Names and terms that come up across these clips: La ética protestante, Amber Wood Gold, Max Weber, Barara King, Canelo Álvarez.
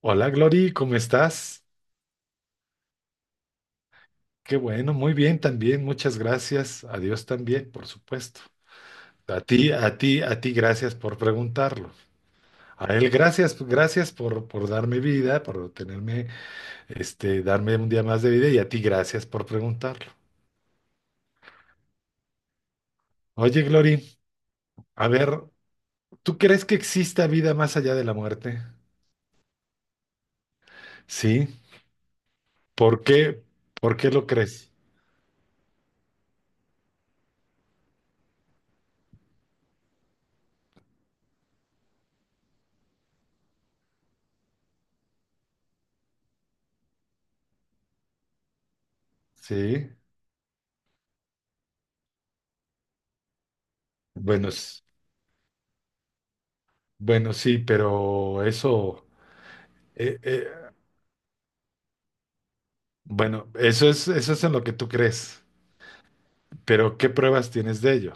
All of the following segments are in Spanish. Hola Glory, ¿cómo estás? Qué bueno, muy bien también, muchas gracias. A Dios también, por supuesto. A ti, a ti, a ti, gracias por preguntarlo. A él, gracias, gracias por darme vida, por tenerme, darme un día más de vida y a ti, gracias por preguntarlo. Oye Glory, a ver, ¿tú crees que exista vida más allá de la muerte? Sí. ¿Por qué? ¿Por qué lo crees? Sí. Bueno, s- bueno, sí, pero eso... eh, eh, Bueno, eso es en lo que tú crees, pero ¿qué pruebas tienes de ello?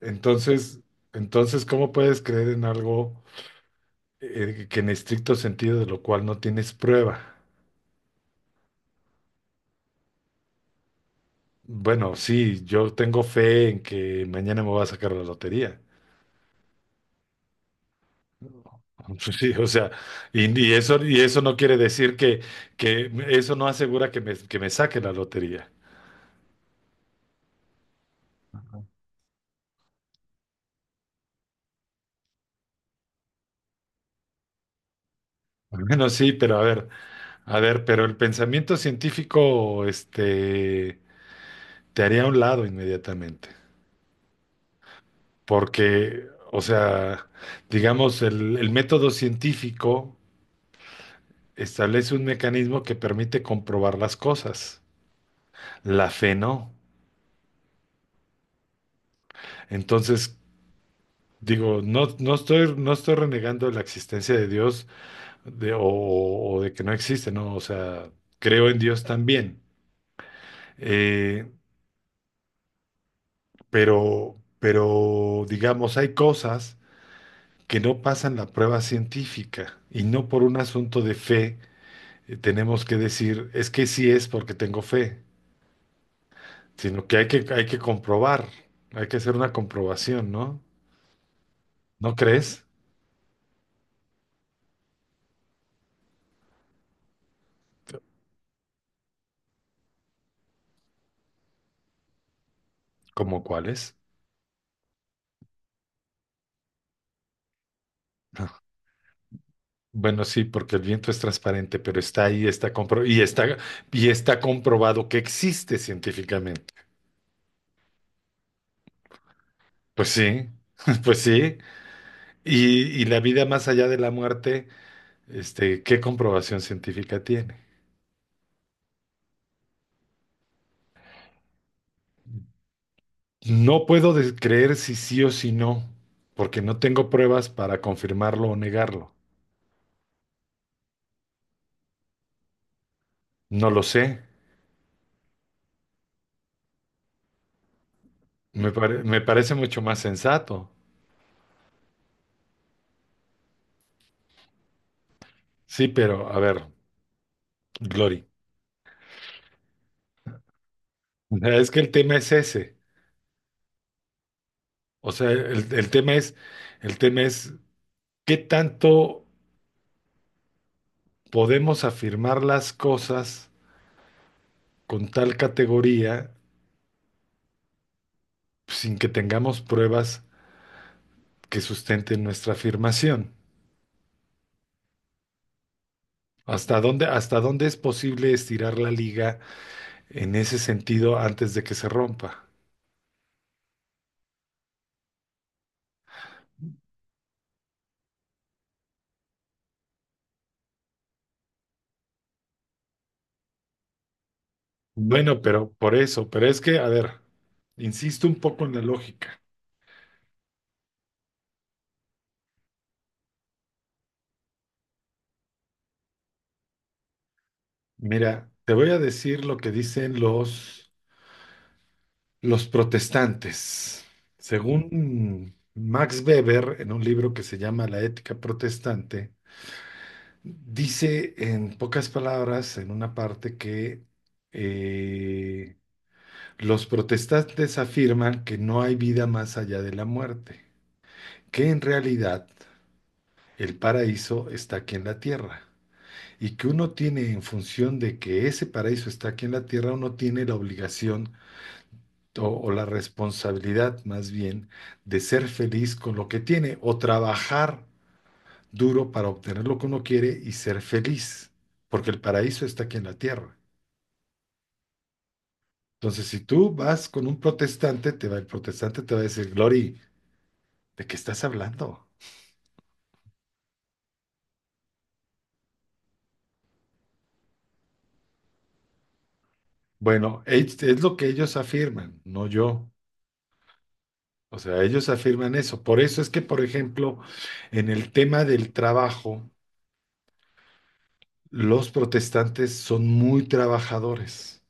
Entonces, entonces, ¿cómo puedes creer en algo que en estricto sentido de lo cual no tienes prueba? Bueno, sí, yo tengo fe en que mañana me voy a sacar la lotería. Pues sí, o sea, y eso, y eso no quiere decir que eso no asegura que me saque la lotería. Bueno, sí, pero a ver, pero el pensamiento científico, te haría a un lado inmediatamente. Porque, o sea, digamos, el método científico establece un mecanismo que permite comprobar las cosas. La fe no. Entonces, digo, no, no estoy renegando de la existencia de Dios o de que no existe, ¿no? O sea, creo en Dios también. Eh, pero, digamos, hay cosas que no pasan la prueba científica y no por un asunto de fe, tenemos que decir, es que sí es porque tengo fe, sino que hay que comprobar, hay que hacer una comprobación, ¿no? ¿No crees? ¿Cómo cuáles? Bueno, sí, porque el viento es transparente, pero está ahí, está compro y está comprobado que existe científicamente. Pues sí, pues sí. Y la vida más allá de la muerte, ¿qué comprobación científica tiene? No puedo creer si sí o si no, porque no tengo pruebas para confirmarlo o negarlo. No lo sé. Me parece mucho más sensato. Sí, pero a ver, Glory. O sea, es que el tema es ese. O sea, el tema es qué tanto podemos afirmar las cosas con tal categoría sin que tengamos pruebas que sustenten nuestra afirmación. Hasta dónde es posible estirar la liga en ese sentido antes de que se rompa? Bueno, pero por eso, pero es que, a ver, insisto un poco en la lógica. Mira, te voy a decir lo que dicen los protestantes. Según Max Weber, en un libro que se llama La ética protestante, dice en pocas palabras, en una parte, que eh, los protestantes afirman que no hay vida más allá de la muerte, que en realidad el paraíso está aquí en la tierra. Y que uno tiene en función de que ese paraíso está aquí en la tierra, uno tiene la obligación o la responsabilidad más bien de ser feliz con lo que tiene o trabajar duro para obtener lo que uno quiere y ser feliz, porque el paraíso está aquí en la tierra. Entonces, si tú vas con un protestante, te va, el protestante te va a decir, Glory, ¿de qué estás hablando? Bueno, es lo que ellos afirman, no yo. O sea, ellos afirman eso. Por eso es que, por ejemplo, en el tema del trabajo, los protestantes son muy trabajadores,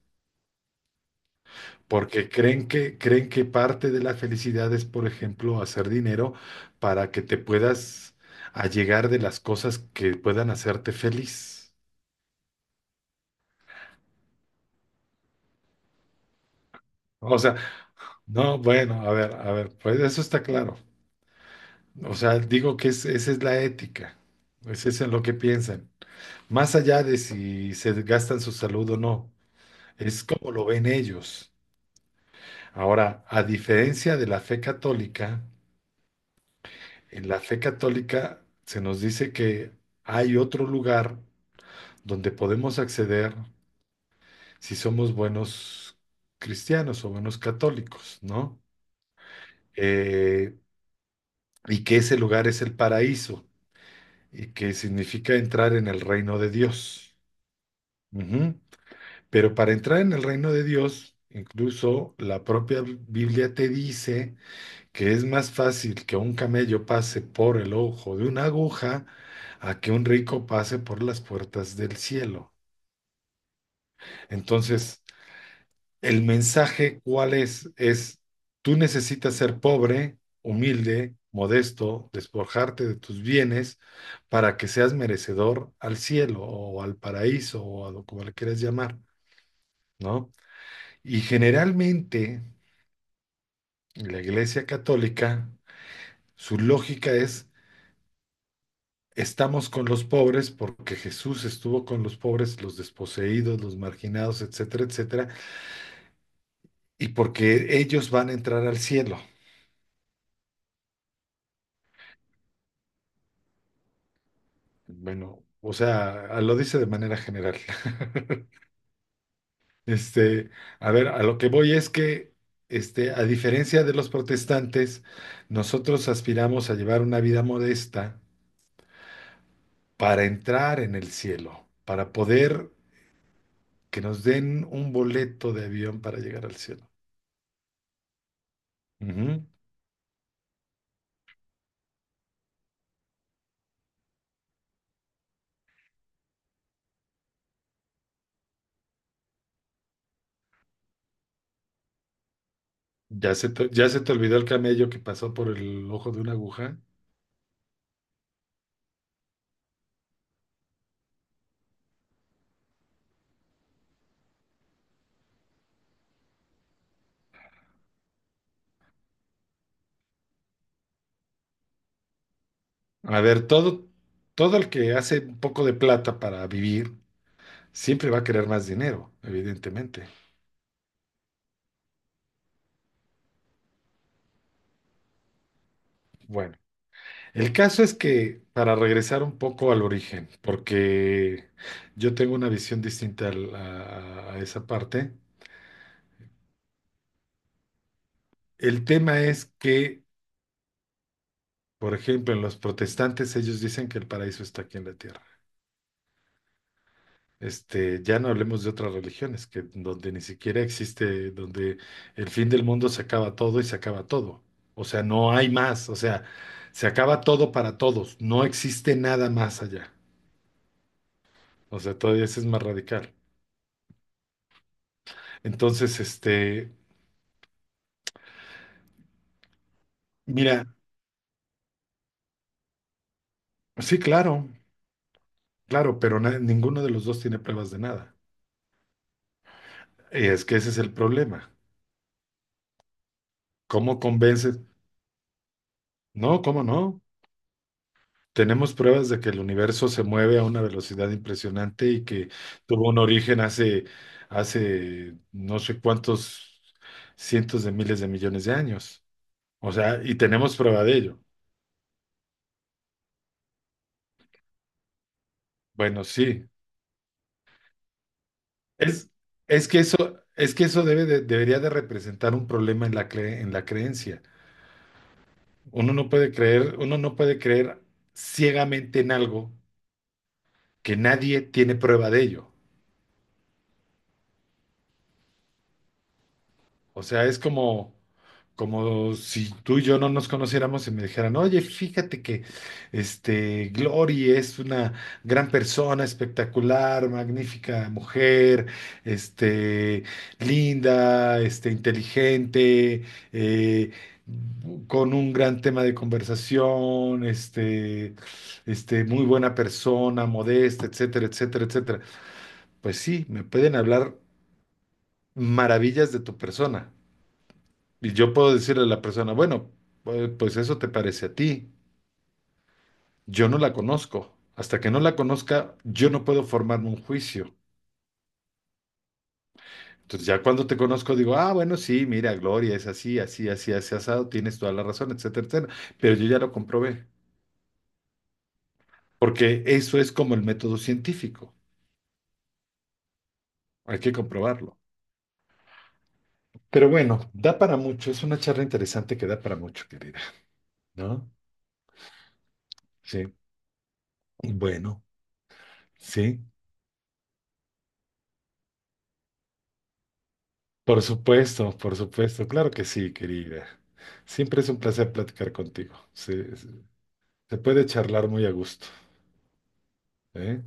porque creen que parte de la felicidad es, por ejemplo, hacer dinero para que te puedas allegar de las cosas que puedan hacerte feliz. O sea, no, bueno, a ver, pues eso está claro. O sea, digo que esa es la ética. Ese es eso en lo que piensan. Más allá de si se gastan su salud o no. Es como lo ven ellos. Ahora, a diferencia de la fe católica, en la fe católica se nos dice que hay otro lugar donde podemos acceder si somos buenos cristianos o buenos católicos, ¿no? Eh, y que ese lugar es el paraíso y que significa entrar en el reino de Dios. Ujú. Pero para entrar en el reino de Dios, incluso la propia Biblia te dice que es más fácil que un camello pase por el ojo de una aguja a que un rico pase por las puertas del cielo. Entonces, el mensaje, ¿cuál es? Es, tú necesitas ser pobre, humilde, modesto, despojarte de tus bienes para que seas merecedor al cielo o al paraíso o a lo como le quieras llamar, ¿no? Y generalmente, en la Iglesia Católica, su lógica es: estamos con los pobres porque Jesús estuvo con los pobres, los desposeídos, los marginados, etcétera, etcétera, y porque ellos van a entrar al cielo. Bueno, o sea, lo dice de manera general. Este, a ver, a lo que voy es que, a diferencia de los protestantes, nosotros aspiramos a llevar una vida modesta para entrar en el cielo, para poder que nos den un boleto de avión para llegar al cielo. Ujú. Ya se te olvidó el camello que pasó por el ojo de una aguja. A ver, todo, todo el que hace un poco de plata para vivir siempre va a querer más dinero, evidentemente. Bueno, el caso es que para regresar un poco al origen, porque yo tengo una visión distinta a esa parte, el tema es que, por ejemplo, en los protestantes ellos dicen que el paraíso está aquí en la tierra. Ya no hablemos de otras religiones, que donde ni siquiera existe, donde el fin del mundo se acaba todo y se acaba todo. O sea, no hay más, o sea, se acaba todo para todos, no existe nada más allá. O sea, todavía ese es más radical. Entonces, mira, sí, claro, claro, pero ninguno de los dos tiene pruebas de nada. Y es que ese es el problema. ¿Cómo convences? No, ¿cómo no? Tenemos pruebas de que el universo se mueve a una velocidad impresionante y que tuvo un origen hace no sé cuántos cientos de miles de millones de años. O sea, y tenemos prueba de ello. Bueno, sí. Es, es que eso, es que eso debería de representar un problema en la en la creencia. Uno no puede creer ciegamente en algo que nadie tiene prueba de ello. O sea, es como, como si tú y yo no nos conociéramos y me dijeran, oye, fíjate que este Glory es una gran persona, espectacular, magnífica mujer, este, linda, inteligente, eh, con un gran tema de conversación, muy buena persona, modesta, etcétera, etcétera, etcétera. Pues sí, me pueden hablar maravillas de tu persona. Y yo puedo decirle a la persona, bueno, pues pues eso te parece a ti. Yo no la conozco. Hasta que no la conozca, yo no puedo formarme un juicio. Entonces ya cuando te conozco digo, ah, bueno, sí, mira, Gloria, es así, así, así, así, asado, tienes toda la razón, etcétera, etcétera. Pero yo ya lo comprobé, porque eso es como el método científico. Hay que comprobarlo. Pero bueno, da para mucho. Es una charla interesante que da para mucho, querida, ¿no? Sí. Bueno, sí. Por supuesto, claro que sí, querida. Siempre es un placer platicar contigo. Se, se puede charlar muy a gusto, ¿eh?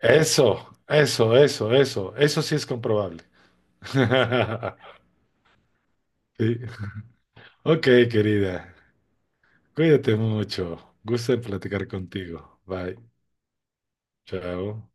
Eso sí es comprobable. Sí. Ok, querida, cuídate mucho. Gusto en platicar contigo. Bye, chao.